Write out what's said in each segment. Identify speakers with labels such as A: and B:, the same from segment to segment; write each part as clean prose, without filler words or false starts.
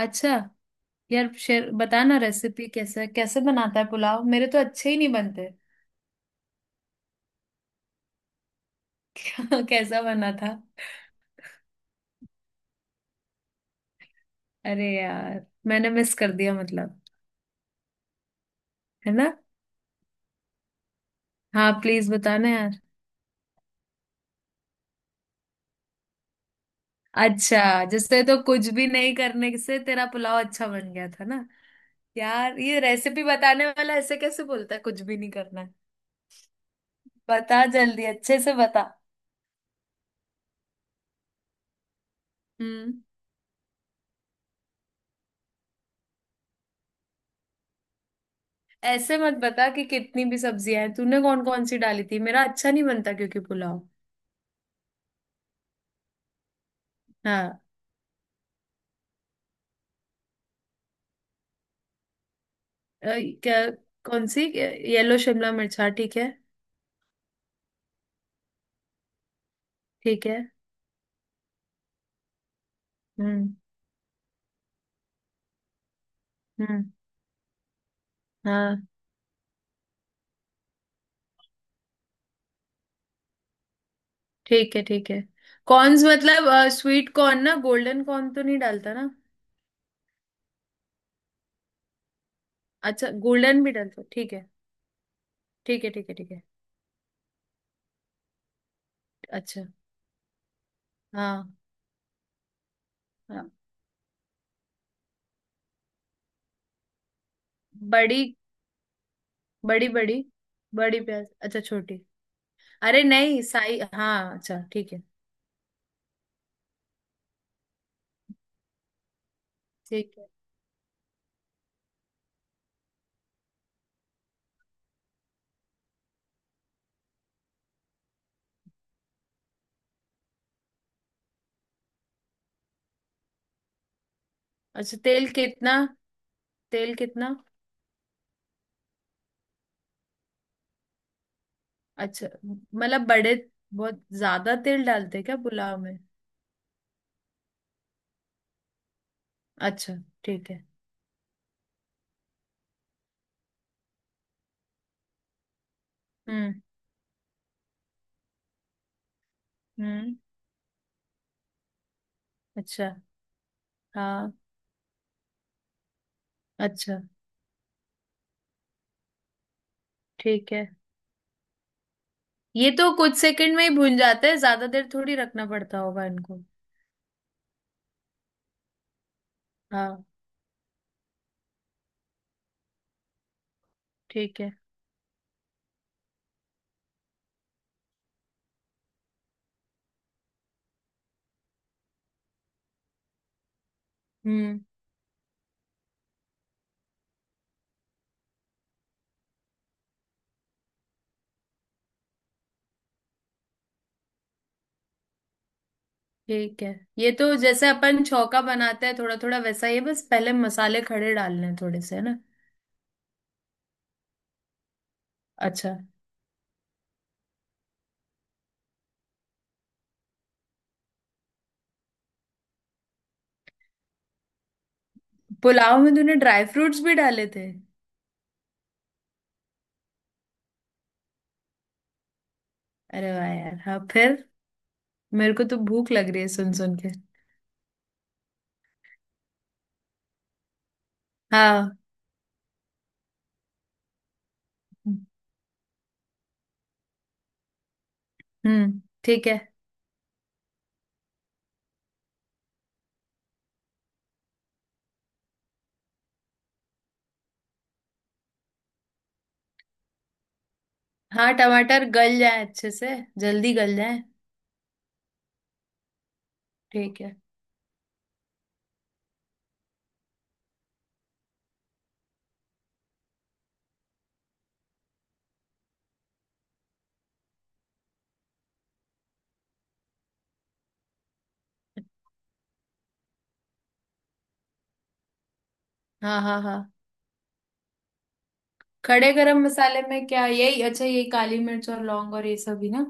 A: अच्छा। यार शेर बताना रेसिपी कैसे कैसे बनाता है पुलाव, मेरे तो अच्छे ही नहीं बनते। कैसा बना था? अरे यार मैंने मिस कर दिया मतलब। है ना? हाँ प्लीज बताना यार। अच्छा, जिससे तो कुछ भी नहीं करने से तेरा पुलाव अच्छा बन गया था ना। यार ये रेसिपी बताने वाला ऐसे कैसे बोलता है कुछ भी नहीं करना है। बता जल्दी, अच्छे से बता। हम्म। ऐसे मत बता कि कितनी भी सब्जियां हैं, तूने कौन कौन सी डाली थी, मेरा अच्छा नहीं बनता क्योंकि पुलाव। हाँ। अ, क्या? कौन सी? येलो शिमला मिर्च, हाँ ठीक है। ठीक है। हम्म। हम्म। हाँ ठीक है। ठीक है। कॉर्न्स मतलब स्वीट कॉर्न ना, गोल्डन कॉर्न तो नहीं डालता ना? अच्छा, गोल्डन भी डालता, ठीक है। ठीक है, ठीक है, ठीक है। अच्छा। हाँ। हाँ। बड़ी। बड़ी बड़ी, बड़ी प्याज? अच्छा, छोटी। अरे नहीं साई, हाँ अच्छा ठीक है। ठीक है। अच्छा, तेल कितना? तेल कितना? अच्छा मतलब बड़े, बहुत ज्यादा तेल डालते हैं क्या पुलाव में? अच्छा, ठीक है। हम्म। हम्म। अच्छा। हाँ। अच्छा, ठीक है। ये तो कुछ सेकंड में ही भून जाते हैं, ज्यादा देर थोड़ी रखना पड़ता होगा इनको। हाँ, ठीक है। हम्म। ठीक है। ये तो जैसे अपन छौका बनाते हैं थोड़ा थोड़ा वैसा ही है, बस पहले मसाले खड़े डालने हैं थोड़े से, है ना? अच्छा, पुलाव में तूने ड्राई फ्रूट्स भी डाले थे? अरे वाह यार, हाँ फिर। मेरे को तो भूख लग रही है सुन सुन के। हाँ। ठीक है। हाँ, टमाटर गल जाए अच्छे से, जल्दी गल जाए। ठीक है। हाँ हाँ हाँ। खड़े गरम मसाले में क्या यही अच्छा, ये काली मिर्च और लौंग और ये सब ही ना?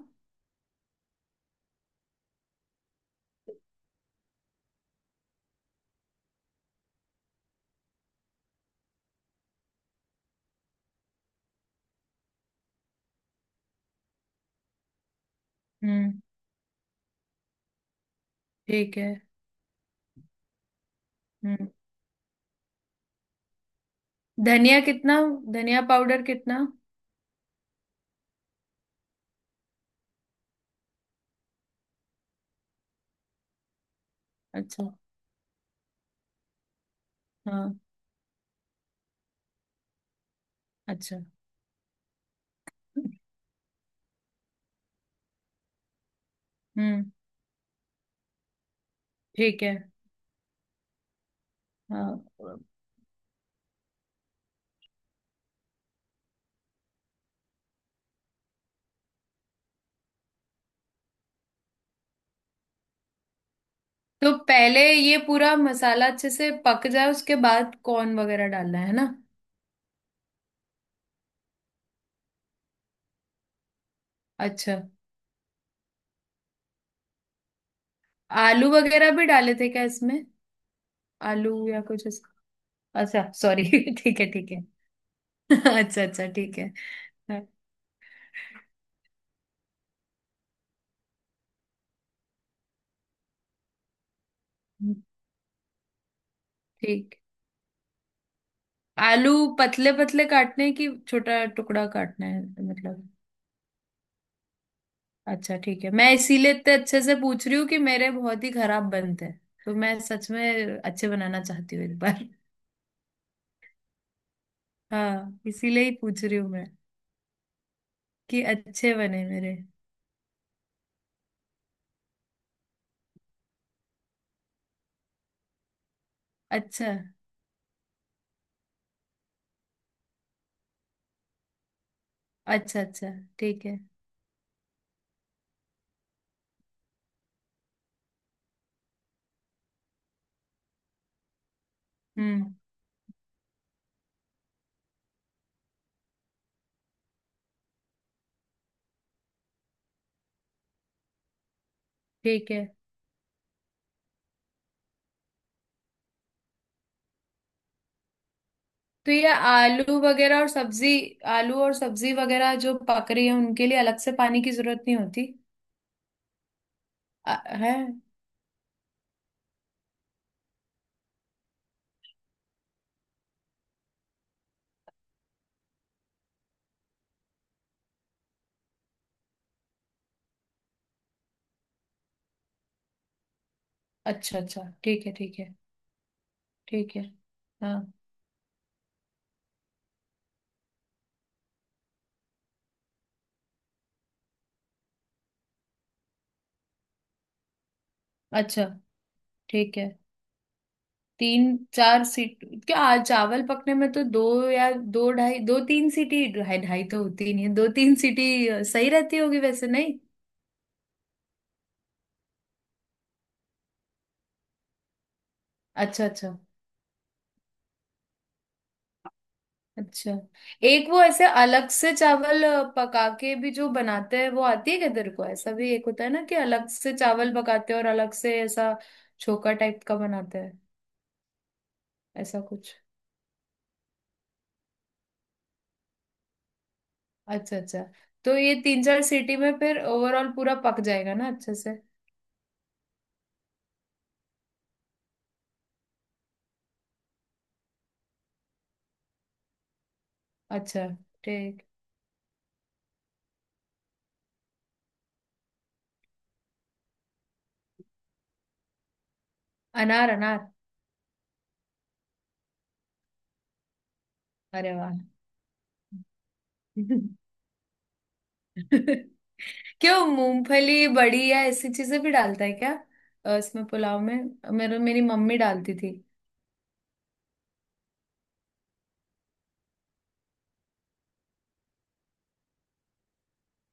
A: हम्म। ठीक है। हम्म। धनिया कितना? धनिया पाउडर कितना? अच्छा। हाँ। अच्छा। हम्म। ठीक है। हाँ। तो पहले ये पूरा मसाला अच्छे से पक जाए उसके बाद कॉर्न वगैरह डालना है ना? अच्छा, आलू वगैरह भी डाले थे क्या इसमें? आलू या कुछ ऐसा। अच्छा, सॉरी। ठीक है, ठीक है। अच्छा अच्छा, ठीक है। हाँ। ठीक। आलू पतले पतले काटने की, छोटा टुकड़ा काटना है मतलब? अच्छा ठीक है, मैं इसीलिए इतने अच्छे से पूछ रही हूँ कि मेरे बहुत ही खराब बनते हैं। तो मैं सच में अच्छे बनाना चाहती हूँ एक बार। हाँ, इसीलिए ही पूछ रही हूँ मैं, कि अच्छे बने मेरे। अच्छा अच्छा। अच्छा, ठीक है। हम्म। ठीक है। तो ये आलू वगैरह और सब्जी, आलू और सब्जी वगैरह जो पक रही है उनके लिए अलग से पानी की जरूरत नहीं होती? अ-। है। अच्छा अच्छा, ठीक है, ठीक है। ठीक है। हाँ। अच्छा, ठीक है। तीन चार सीट क्या, आज चावल पकने में तो दो या दो ढाई, दो तीन सीटी, ढाई ढाई तो होती ही नहीं है, दो तीन सीटी सही रहती होगी वैसे नहीं? अच्छा अच्छा। अच्छा। एक वो ऐसे अलग से चावल पका के भी जो बनाते हैं वो आती है क्या तेरे को, ऐसा भी एक होता है ना कि अलग से चावल पकाते हैं और अलग से ऐसा छोका टाइप का बनाते हैं, ऐसा कुछ। अच्छा अच्छा। तो ये तीन चार सीटी में फिर ओवरऑल पूरा पक जाएगा ना अच्छे से? अच्छा। ठीक। अनार, अनार। अरे वाह। क्यों मूंगफली बड़ी या ऐसी चीजें भी डालता है क्या इसमें, पुलाव में? मेरे मेरी मम्मी डालती थी।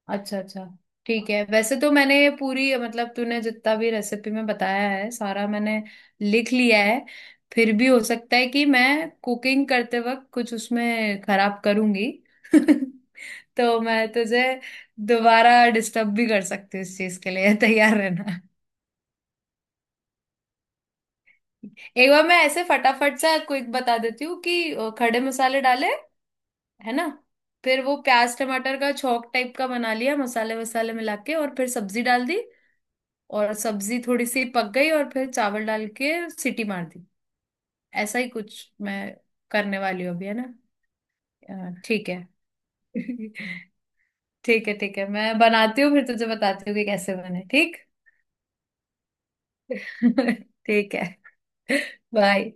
A: अच्छा अच्छा, ठीक है। वैसे तो मैंने ये पूरी मतलब तूने जितना भी रेसिपी में बताया है सारा मैंने लिख लिया है। फिर भी हो सकता है कि मैं कुकिंग करते वक्त कुछ उसमें खराब करूंगी। तो मैं तुझे दोबारा डिस्टर्ब भी कर सकती हूँ इस चीज के लिए, तैयार रहना। एक बार मैं ऐसे फटाफट सा क्विक बता देती हूँ कि खड़े मसाले डाले, है ना? फिर वो प्याज टमाटर का छौंक टाइप का बना लिया, मसाले वसाले मिला के, और फिर सब्जी डाल दी। और सब्जी थोड़ी सी पक गई और फिर चावल डाल के सीटी मार दी। ऐसा ही कुछ मैं करने वाली हूँ अभी, है ना? ठीक है। ठीक है ठीक है, मैं बनाती हूँ फिर तुझे बताती हूँ कि कैसे बने, ठीक? ठीक है, बाय।